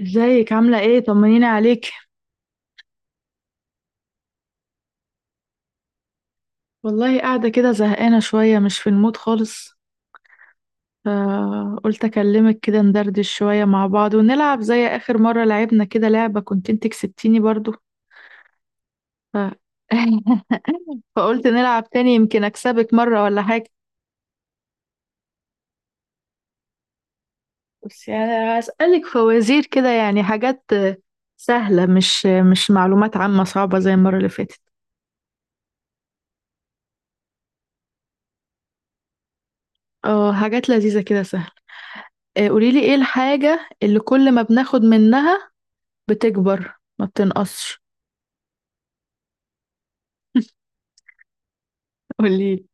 ازيك؟ عاملة ايه؟ طمنيني عليك. والله قاعدة كده زهقانة شوية، مش في المود خالص. فقلت اكلمك كده ندردش شوية مع بعض ونلعب زي اخر مرة لعبنا كده لعبة كنت انت كسبتيني برضو. ف... فقلت نلعب تاني يمكن اكسبك مرة ولا حاجة. بس يعني هسألك فوازير كده، يعني حاجات سهلة، مش معلومات عامة صعبة زي المرة اللي فاتت. اه حاجات لذيذة كده سهلة. آه، قوليلي ايه الحاجة اللي كل ما بناخد منها بتكبر ما بتنقصش؟ قولي.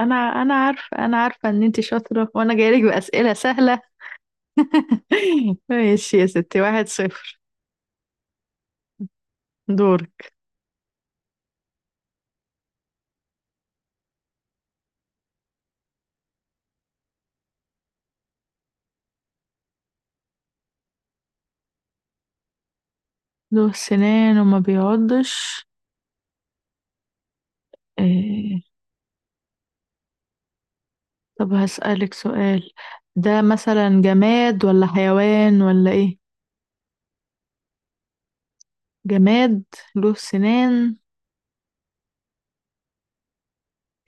انا انا عارفه انا عارفه ان انتي شاطره وانا جايلك باسئله سهله. ماشي يا ستي، 1-0. دورك. له سنان وما بيعضش؟ إيه. طب هسألك سؤال، ده مثلا جماد ولا حيوان ولا ايه؟ جماد، له سنان.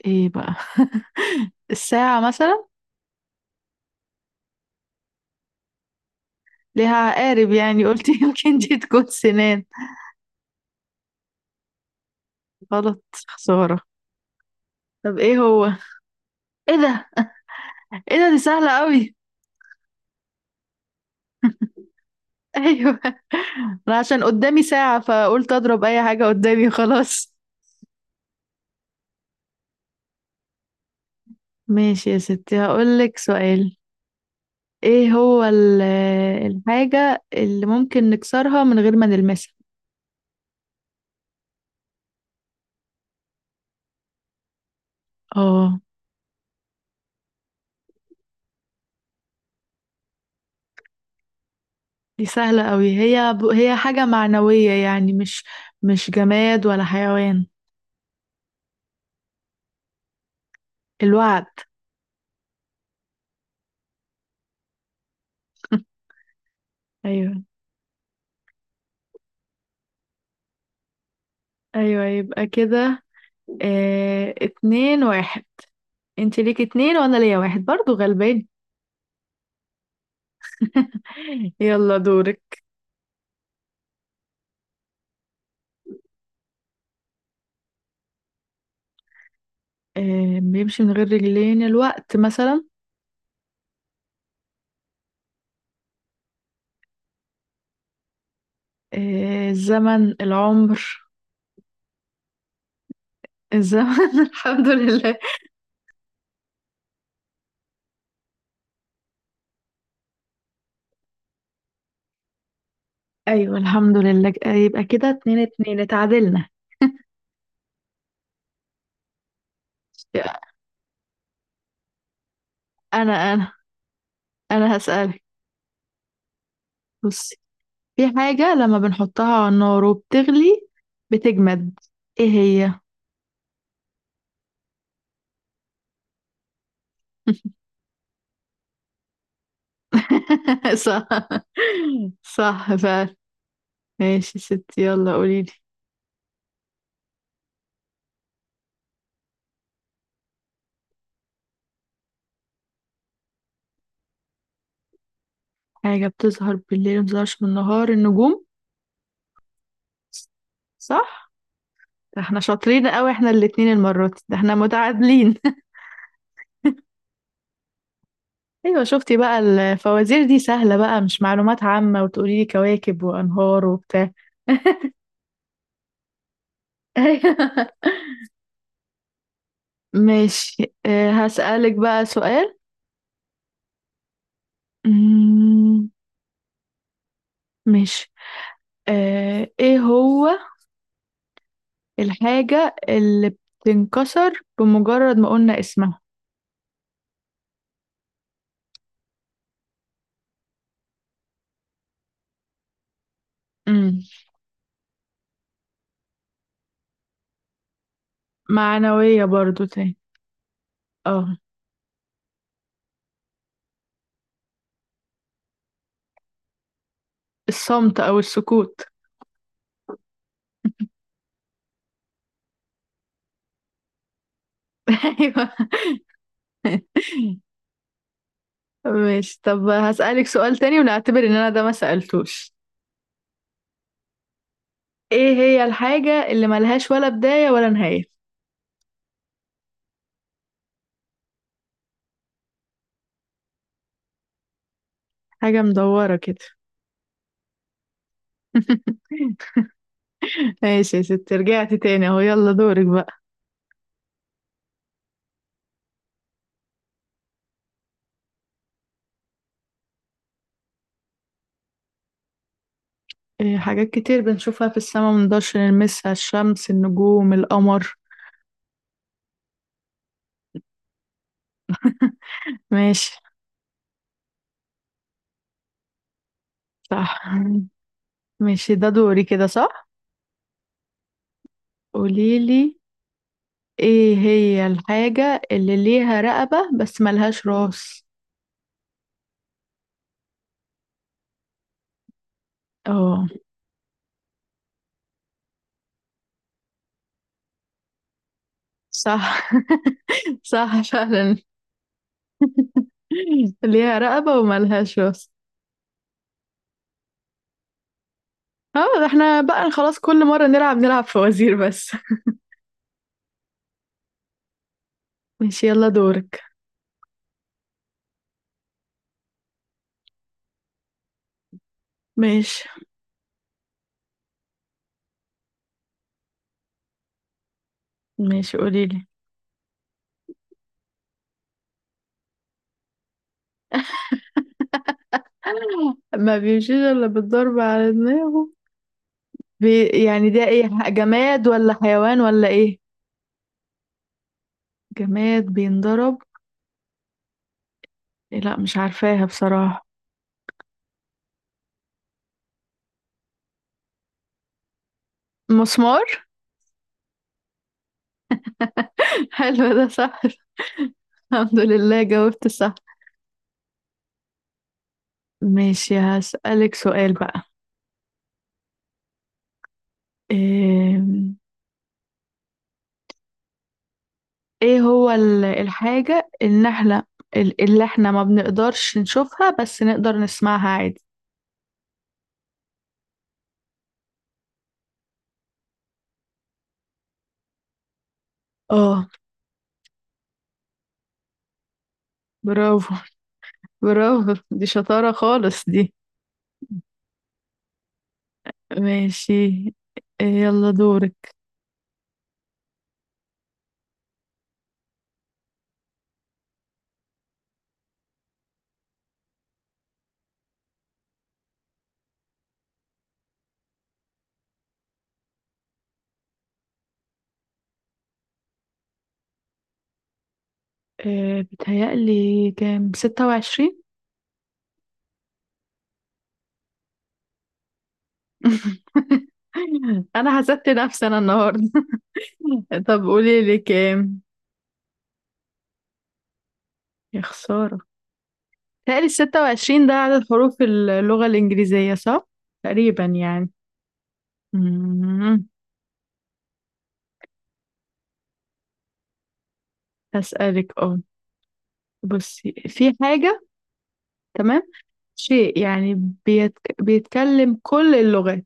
ايه بقى؟ الساعة مثلا، ليها عقارب يعني، قلت يمكن دي تكون سنان. غلط، خسارة. طب ايه هو؟ ايه ده؟ ايه ده، دي سهلة قوي. ايوه، انا عشان قدامي ساعة فقلت اضرب اي حاجة قدامي خلاص. ماشي يا ستي، هقولك سؤال. ايه هو الحاجة اللي ممكن نكسرها من غير ما نلمسها؟ اه دي سهلة قوي، هي حاجة معنوية يعني، مش جماد ولا حيوان. الوعد. ايوه، ايوه، يبقى كده 2-1. انت ليك اتنين وانا ليا واحد، برضو غلبان. يلا دورك. آه، بيمشي من غير رجلين؟ الوقت مثلا. آه، الزمن، العمر. الزمن. الحمد لله. ايوه الحمد لله، يبقى كده 2-2، اتعادلنا. انا انا انا هسألك. بصي، في حاجة لما بنحطها على النار وبتغلي بتجمد، ايه هي؟ صح، صح فعلا. ماشي يا ستي، يلا قوليلي. حاجة بتظهر بالليل ومبتظهرش بالنهار؟ النجوم. صح. ده احنا شاطرين قوي، احنا الاتنين المرة دي، ده احنا متعادلين. ايوه شفتي بقى؟ الفوازير دي سهلة بقى، مش معلومات عامة وتقولي لي كواكب وانهار وبتاع. ايوه ماشي، اه هسألك بقى سؤال. مم، ماشي. اه ايه هو الحاجة اللي بتنكسر بمجرد ما قلنا اسمها؟ مم، معنوية برضو تاني. اه. الصمت او السكوت. ايوه. ماشي، طب هسألك سؤال تاني ونعتبر ان انا ده ما سألتوش. ايه هي الحاجة اللي ملهاش ولا بداية ولا نهاية؟ حاجة مدورة كده. ماشي يا ستي، رجعت تاني اهو. يلا دورك بقى. إيه، حاجات كتير بنشوفها في السماء منقدرش نلمسها، الشمس، النجوم، القمر. ماشي. صح. ماشي ده دوري كده صح؟ قوليلي، ايه هي الحاجة اللي ليها رقبة بس ملهاش راس؟ اه صح. صح فعلا، ليها رقبة وملهاش راس. اه ده احنا بقى خلاص، كل مرة نلعب فوازير بس. ماشي يلا دورك. ماشي. ماشي قوليلي. ما بيمشيش الا بالضرب على دماغه؟ يعني ده ايه، جماد ولا حيوان ولا ايه؟ جماد بينضرب. إيه، لا مش عارفاها بصراحة. مسمار. حلو ده صح. الحمد لله جاوبت صح. ماشي هسألك سؤال بقى. إيه... ايه هو الحاجة اللي احنا اللي احنا ما بنقدرش نشوفها بس نقدر نسمعها عادي؟ اه. برافو، برافو، دي شطارة خالص دي. ماشي. إيه يلا دورك. إيه بتهيألي كام، 26؟ انا حسدت نفسي انا النهاردة. طب قولي لي كام؟ يا خسارة. بتهيألي 26 ده عدد حروف اللغة الإنجليزية صح؟ تقريبا يعني. أمم، هسألك اه. بصي في حاجة، تمام، شيء يعني بيتكلم كل اللغات،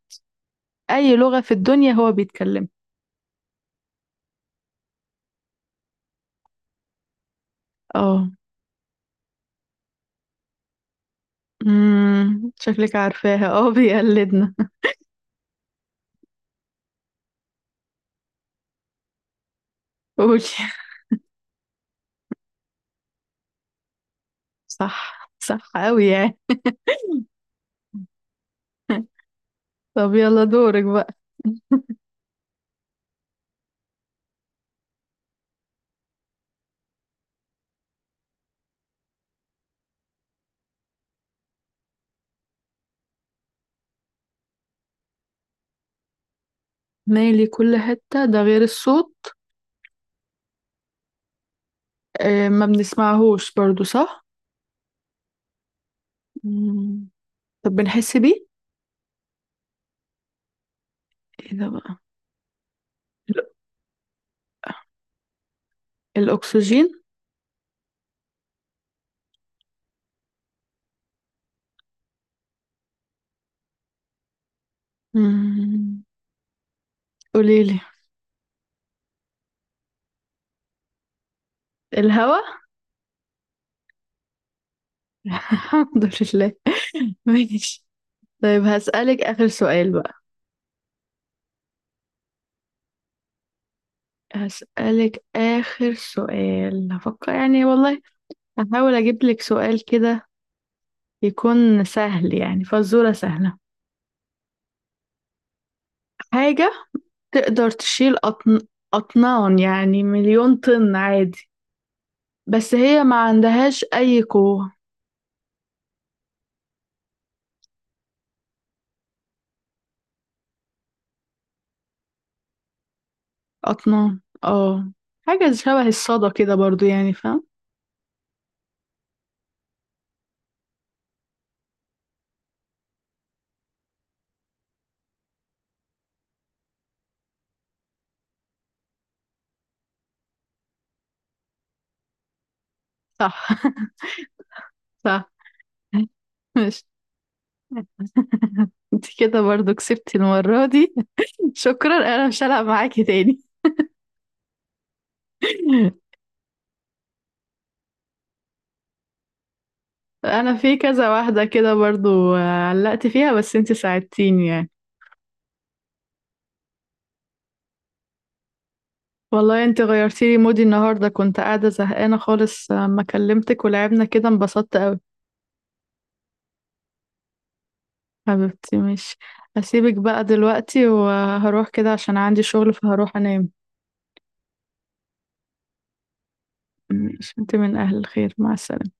أي لغة في الدنيا هو بيتكلم. اه. شكلك عارفاها، اه بيقلدنا. قولي. صح، صح أوي يعني. طب يلا دورك بقى. مالي كل حتة، ده غير الصوت؟ آه ما بنسمعهوش برضو صح. مم. طب بنحس بيه، ايه ده بقى؟ ال- الأكسجين. مم. قوليلي. الهوا. الحمد لله. ماشي. طيب هسألك آخر سؤال بقى. هسألك آخر سؤال، هفكر يعني والله، هحاول أجيب لك سؤال كده يكون سهل يعني، فزورة سهلة. حاجة تقدر تشيل أطنان، يعني 1,000,000 طن عادي، بس هي ما عندهاش أي قوة. أطنان اه. حاجة شبه الصدى كده برضو يعني، فاهم؟ صح. صح. ماشي. انت كده برضو كسبتي المرة دي. شكرا، انا مش هلعب معاكي تاني. انا في كذا واحده كده برضو آه، علقت فيها بس انت ساعدتيني يعني. والله انت غيرتي لي مودي النهارده، كنت قاعده زهقانه خالص آه، ما كلمتك ولعبنا كده انبسطت قوي. حبيبتي ماشي، هسيبك بقى دلوقتي وهروح كده عشان عندي شغل، فهروح انام. ماشي، انت من اهل الخير، مع السلامه.